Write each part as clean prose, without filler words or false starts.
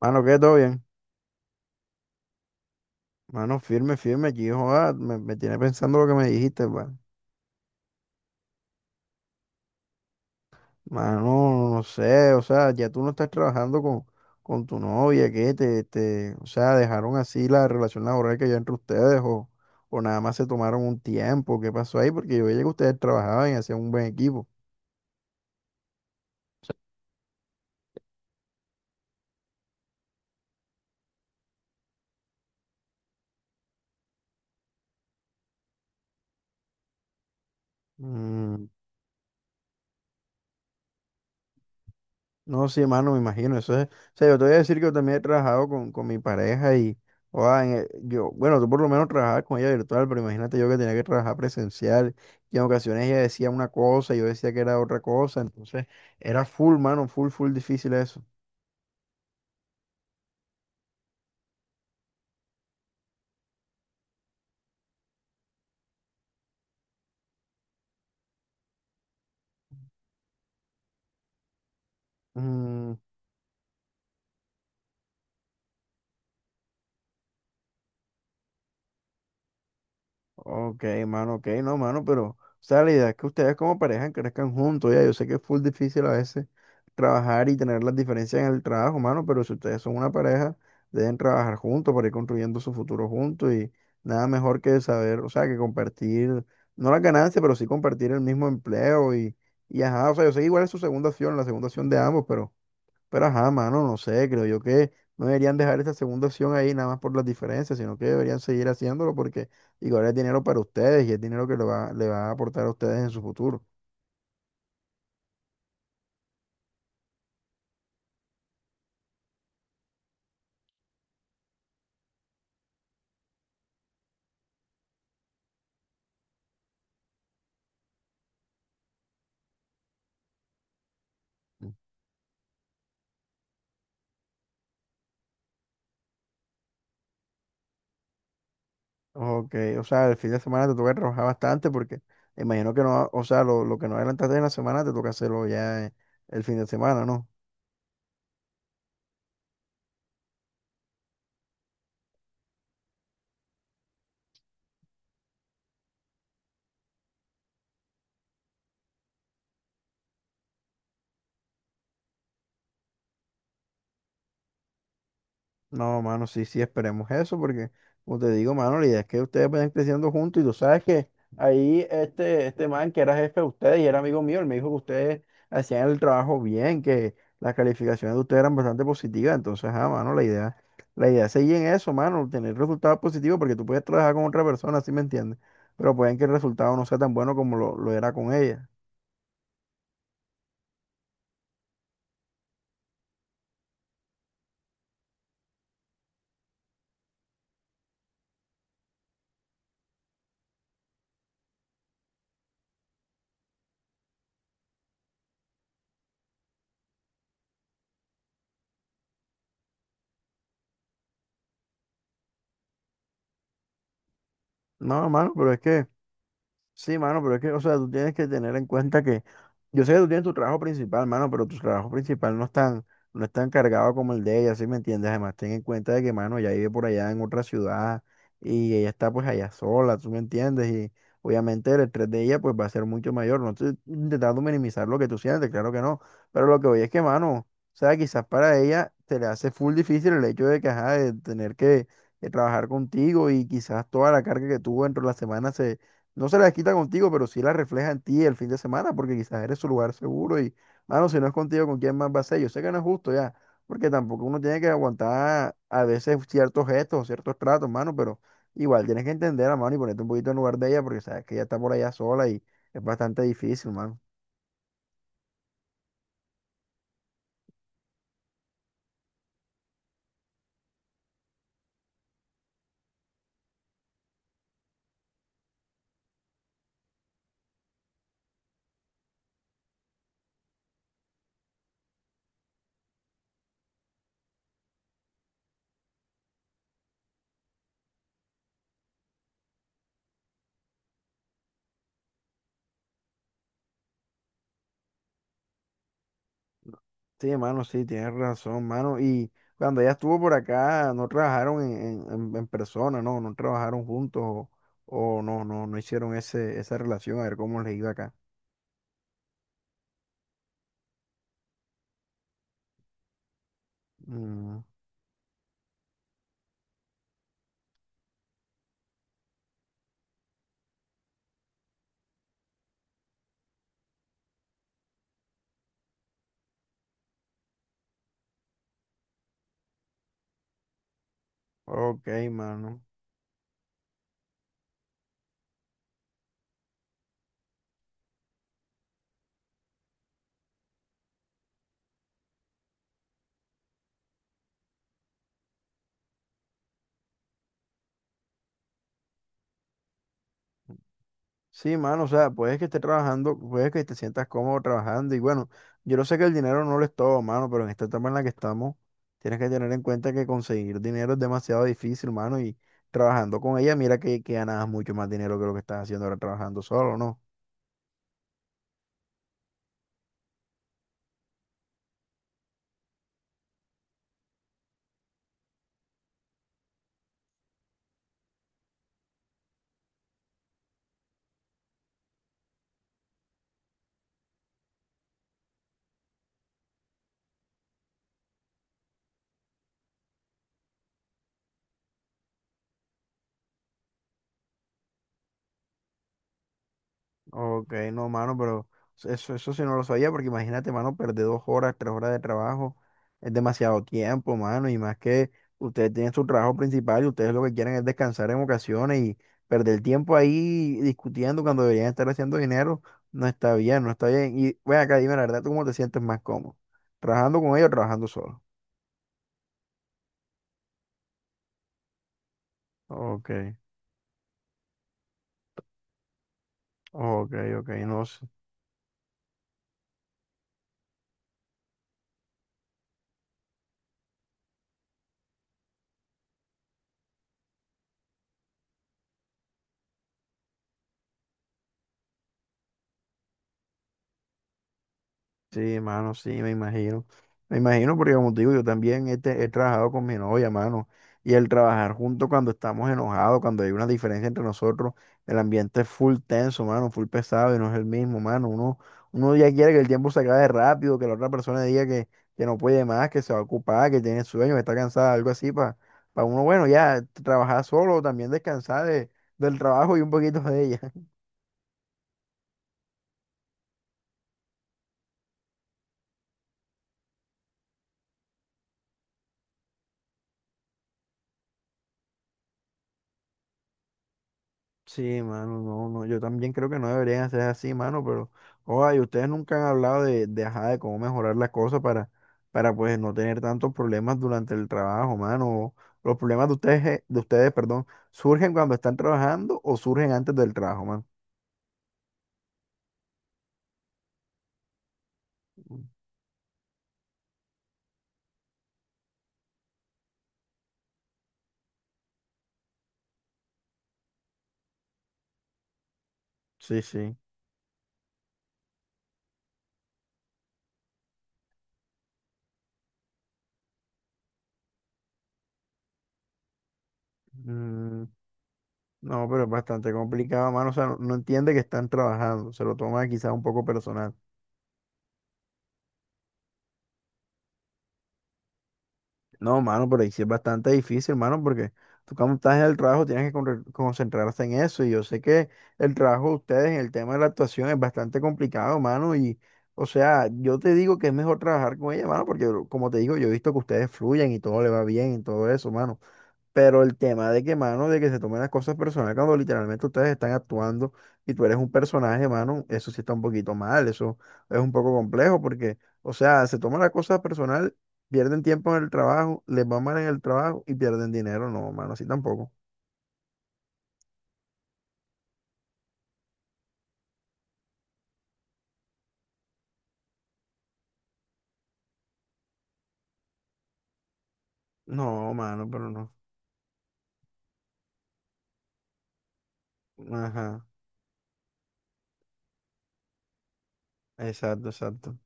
Mano, ¿qué? ¿Todo bien? Mano, firme, firme. Aquí, joda, me tiene pensando lo que me dijiste, pa. Mano, no sé, o sea, ya tú no estás trabajando con tu novia, ¿qué? O sea, ¿dejaron así la relación laboral que había entre ustedes o nada más se tomaron un tiempo? ¿Qué pasó ahí? Porque yo veía que ustedes trabajaban y hacían un buen equipo. Mm. No, sí, hermano, me imagino. Eso es, o sea, yo te voy a decir que yo también he trabajado con mi pareja y, o sea, yo, bueno, tú por lo menos trabajabas con ella virtual, pero imagínate yo que tenía que trabajar presencial y en ocasiones ella decía una cosa y yo decía que era otra cosa, entonces era full, mano, full, full difícil eso. Ok, mano, ok, no, mano, pero, o sea, la idea es que ustedes como pareja crezcan juntos, ya, yo sé que es full difícil a veces trabajar y tener las diferencias en el trabajo, mano, pero si ustedes son una pareja, deben trabajar juntos para ir construyendo su futuro juntos y nada mejor que saber, o sea, que compartir, no las ganancias, pero sí compartir el mismo empleo y ajá, o sea, yo sé que igual es su segunda opción, la segunda opción de ambos, pero ajá, mano, no sé, creo yo que no deberían dejar esa segunda opción ahí nada más por las diferencias, sino que deberían seguir haciéndolo porque igual es dinero para ustedes y es dinero que le va a aportar a ustedes en su futuro. Ok, o sea, el fin de semana te toca trabajar bastante porque imagino que no, o sea, lo que no adelantaste en la semana te toca hacerlo ya el fin de semana, ¿no? No, mano, sí, sí, esperemos eso, porque, como te digo, mano, la idea es que ustedes vayan creciendo juntos y tú sabes que ahí este, este man que era jefe de ustedes y era amigo mío, él me dijo que ustedes hacían el trabajo bien, que las calificaciones de ustedes eran bastante positivas, entonces, ah, mano, la idea es seguir en eso, mano, tener resultados positivos, porque tú puedes trabajar con otra persona, ¿sí me entiendes? Pero pueden que el resultado no sea tan bueno como lo era con ella. No, mano, pero es que... Sí, mano, pero es que, o sea, tú tienes que tener en cuenta que, yo sé que tú tienes tu trabajo principal, mano, pero tu trabajo principal no es tan, no es tan cargado como el de ella, ¿sí me entiendes? Además, ten en cuenta de que, mano, ella vive por allá en otra ciudad y ella está pues allá sola, ¿tú me entiendes? Y obviamente el estrés de ella pues va a ser mucho mayor. No estoy intentando minimizar lo que tú sientes, claro que no, pero lo que voy es que, mano, o sea, quizás para ella se le hace full difícil el hecho de que, ajá, de tener que trabajar contigo y quizás toda la carga que tuvo dentro de la semana se no se las quita contigo, pero sí las refleja en ti el fin de semana, porque quizás eres su lugar seguro y, mano, si no es contigo, ¿con quién más va a ser? Yo sé que no es justo ya, porque tampoco uno tiene que aguantar a veces ciertos gestos o ciertos tratos, mano, pero igual tienes que entender a mano y ponerte un poquito en lugar de ella, porque sabes que ella está por allá sola y es bastante difícil, mano. Sí, mano, sí, tienes razón, mano. Y cuando ella estuvo por acá, no trabajaron en, en persona, no, no trabajaron juntos o no, no, no hicieron ese, esa relación, a ver cómo les iba acá. Mm. Ok, mano. Sí, mano, o sea, puedes que estés trabajando, puedes que te sientas cómodo trabajando y bueno, yo no sé que el dinero no lo es todo, mano, pero en esta etapa en la que estamos, tienes que tener en cuenta que conseguir dinero es demasiado difícil, mano, y trabajando con ella, mira que ganas mucho más dinero que lo que estás haciendo ahora trabajando solo, ¿no? Ok, no, mano, pero eso sí no lo sabía, porque imagínate, mano, perder dos horas, tres horas de trabajo, es demasiado tiempo, mano, y más que ustedes tienen su trabajo principal y ustedes lo que quieren es descansar en ocasiones y perder el tiempo ahí discutiendo cuando deberían estar haciendo dinero, no está bien, no está bien. Y ven acá, dime la verdad, ¿tú cómo te sientes más cómodo? ¿Trabajando con ellos o trabajando solo? Ok, ok, ok, no. Sí, mano, sí, me imagino. Me imagino porque como te digo, yo también este, he trabajado con mi novia, mano. Y el trabajar juntos cuando estamos enojados, cuando hay una diferencia entre nosotros, el ambiente es full tenso, mano, full pesado y no es el mismo, mano. Uno, uno ya quiere que el tiempo se acabe rápido, que la otra persona diga que no puede más, que se va a ocupar, que tiene sueño, que está cansada, algo así, para uno, bueno, ya trabajar solo, también descansar de, del trabajo y un poquito de ella. Sí, mano, no, no, yo también creo que no deberían hacer así, mano, pero, oye, ustedes nunca han hablado de, ajá, de cómo mejorar las cosas para, pues, no tener tantos problemas durante el trabajo, mano. Los problemas de ustedes, perdón, ¿surgen cuando están trabajando o surgen antes del trabajo, mano? Sí, sí. Mm, no, pero es bastante complicado, mano, o sea, no, no entiende que están trabajando, se lo toma quizás un poco personal. No, mano, pero ahí sí es bastante difícil, mano, porque tú cuando estás en el trabajo tienes que concentrarse en eso. Y yo sé que el trabajo de ustedes en el tema de la actuación es bastante complicado, mano. Y, o sea, yo te digo que es mejor trabajar con ella, mano, porque como te digo, yo he visto que ustedes fluyen y todo le va bien y todo eso, mano. Pero el tema de que, mano, de que se tomen las cosas personales cuando literalmente ustedes están actuando y tú eres un personaje, mano, eso sí está un poquito mal, eso es un poco complejo porque, o sea, se toman las cosas personal, pierden tiempo en el trabajo, les va mal en el trabajo y pierden dinero, no, mano, así tampoco. No, mano, pero no. Ajá, exacto, exacto,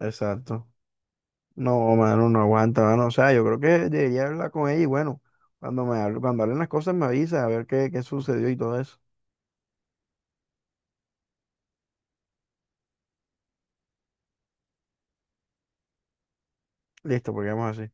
exacto. No, mano, no aguanta, mano, o sea, yo creo que debería hablar con ella y bueno, cuando hablen las cosas me avisa a ver qué, qué sucedió y todo eso. Listo, porque vamos así.